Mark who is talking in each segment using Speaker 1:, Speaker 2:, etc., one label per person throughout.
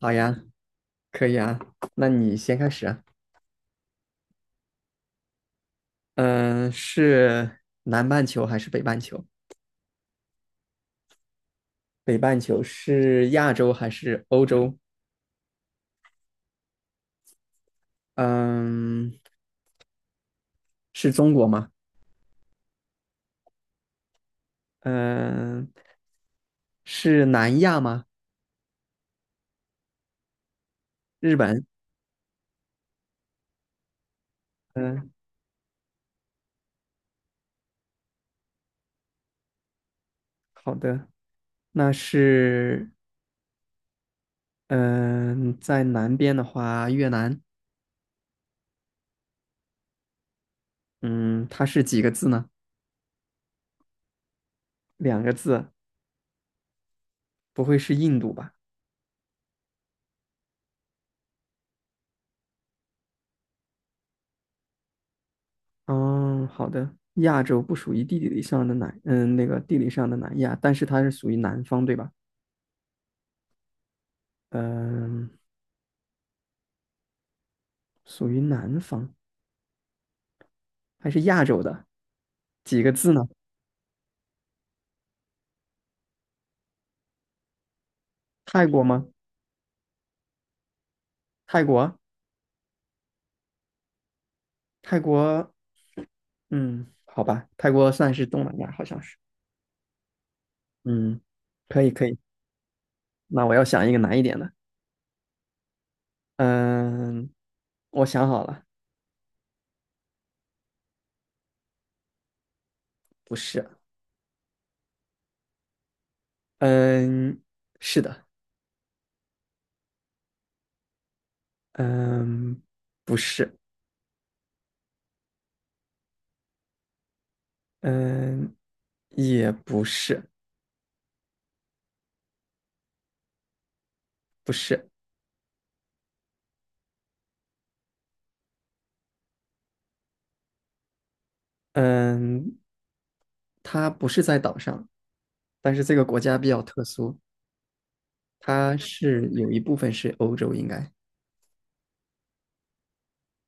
Speaker 1: 好呀，可以啊，那你先开始啊。嗯，是南半球还是北半球？北半球是亚洲还是欧洲？嗯，是中国吗？嗯，是南亚吗？日本？嗯，好的，那是嗯，在南边的话，越南。嗯，它是几个字呢？两个字，不会是印度吧？哦，好的。亚洲不属于地理上的南，那个地理上的南亚，但是它是属于南方，对吧？嗯，属于南方，还是亚洲的？几个字呢？泰国吗？泰国，泰国，好吧，泰国算是东南亚，好像是。嗯，可以，可以。那我要想一个难一点的。嗯，我想好了，不是。嗯，是的。嗯，不是。嗯，也不是。不是，嗯，它不是在岛上，但是这个国家比较特殊，它是有一部分是欧洲，应该，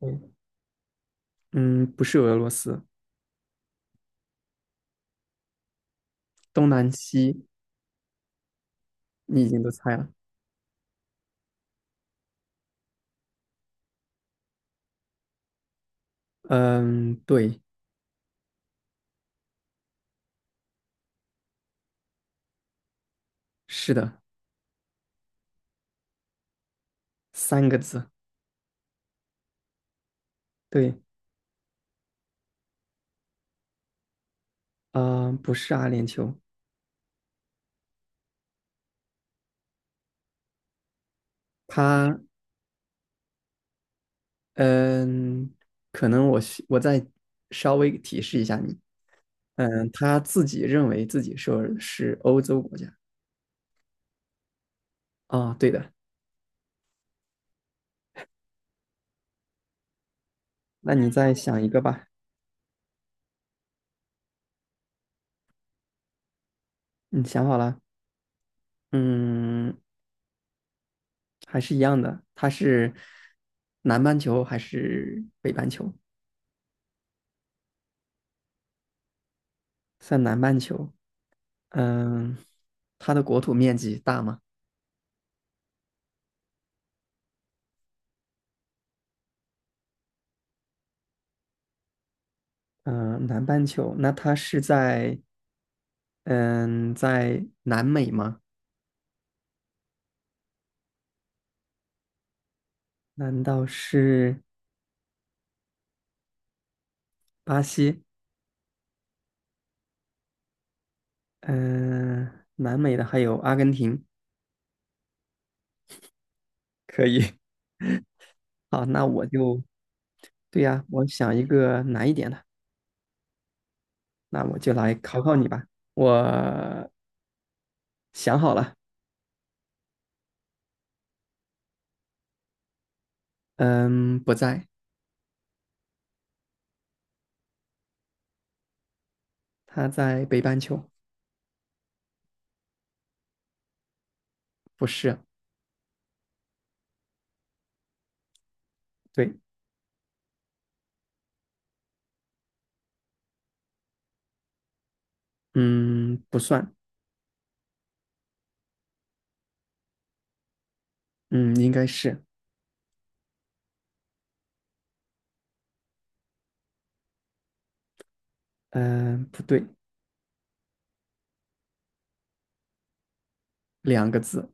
Speaker 1: 嗯，嗯，不是俄罗斯，东南西你已经都猜了，嗯，对，是的，三个字，对，啊、不是阿联酋，它，嗯，可能我再稍微提示一下你，他自己认为自己说是欧洲国家。啊、对的，那你再想一个吧。你想好了？嗯，还是一样的，它是南半球还是北半球？在南半球，嗯，它的国土面积大吗？嗯，南半球，那它是在嗯在南美吗？难道是巴西？嗯，南美的还有阿根廷，可以。好，那我就，对呀，我想一个难一点的，那我就来考考你吧。我想好了。嗯，不在，他在北半球，不是，对，嗯，不算，嗯，应该是，嗯，不对，两个字，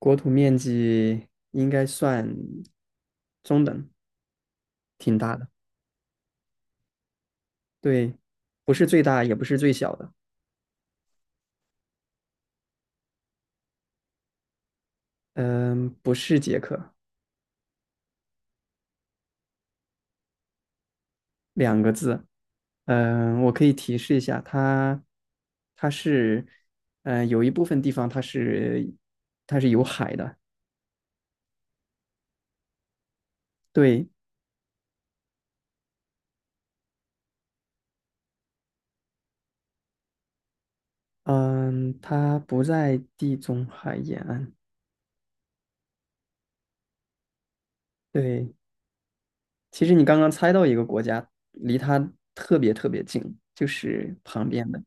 Speaker 1: 国土面积应该算中等，挺大的，对，不是最大，也不是最小的，嗯，不是捷克，两个字，我可以提示一下，它，它是，有一部分地方它是，它是有海的，对，嗯，它不在地中海沿岸。对，其实你刚刚猜到一个国家，离它特别特别近，就是旁边的。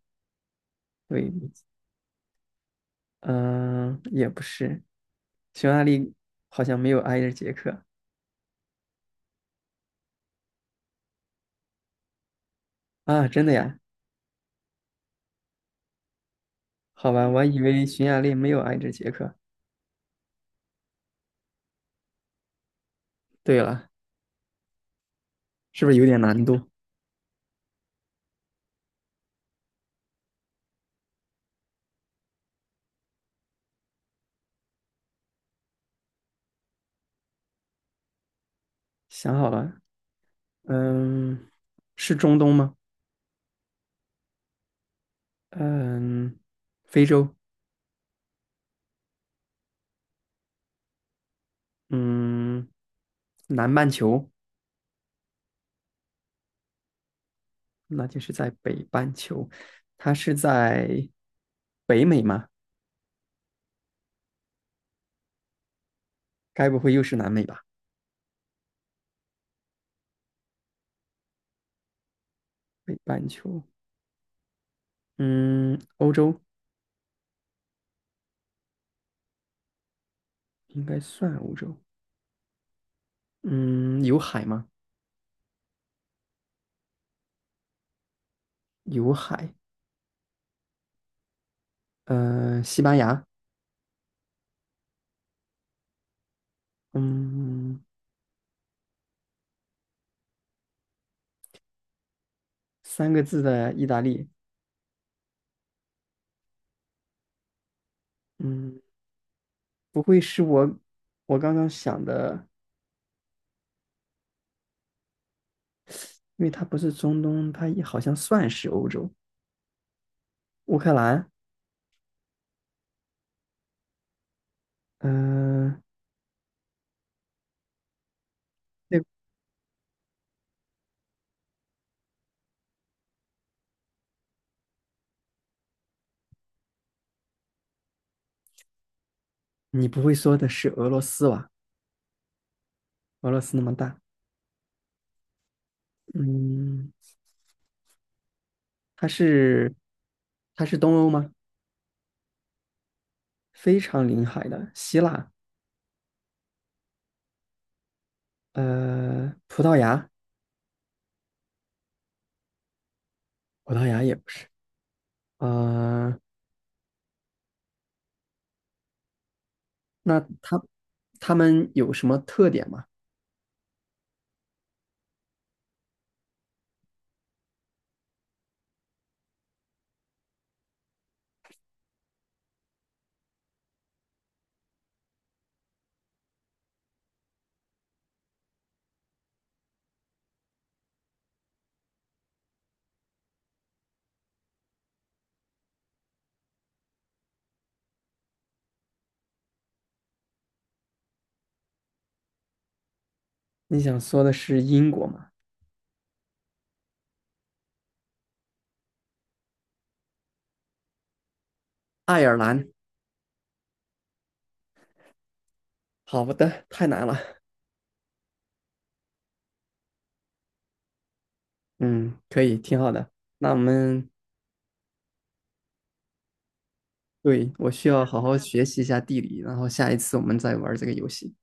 Speaker 1: 对，嗯，也不是，匈牙利好像没有挨着捷克。啊，真的呀？好吧，我还以为匈牙利没有挨着捷克。对了，是不是有点难度？想好了，嗯，是中东吗？嗯，非洲，嗯，南半球。那就是在北半球，它是在北美吗？该不会又是南美吧？北半球，嗯，欧洲应该算欧洲，嗯，有海吗？有海，西班牙，嗯，三个字的意大利，嗯，不会是我刚刚想的，因为它不是中东，它也好像算是欧洲，乌克兰，嗯、那你不会说的是俄罗斯吧？俄罗斯那么大，嗯。它是它是东欧吗？非常临海的，希腊，葡萄牙，葡萄牙也不是，呃，那它他们有什么特点吗？你想说的是英国吗？爱尔兰，好的，太难了，嗯，可以，挺好的。那我们对我需要好好学习一下地理，然后下一次我们再玩这个游戏。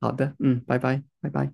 Speaker 1: 好的，嗯，拜拜，拜拜。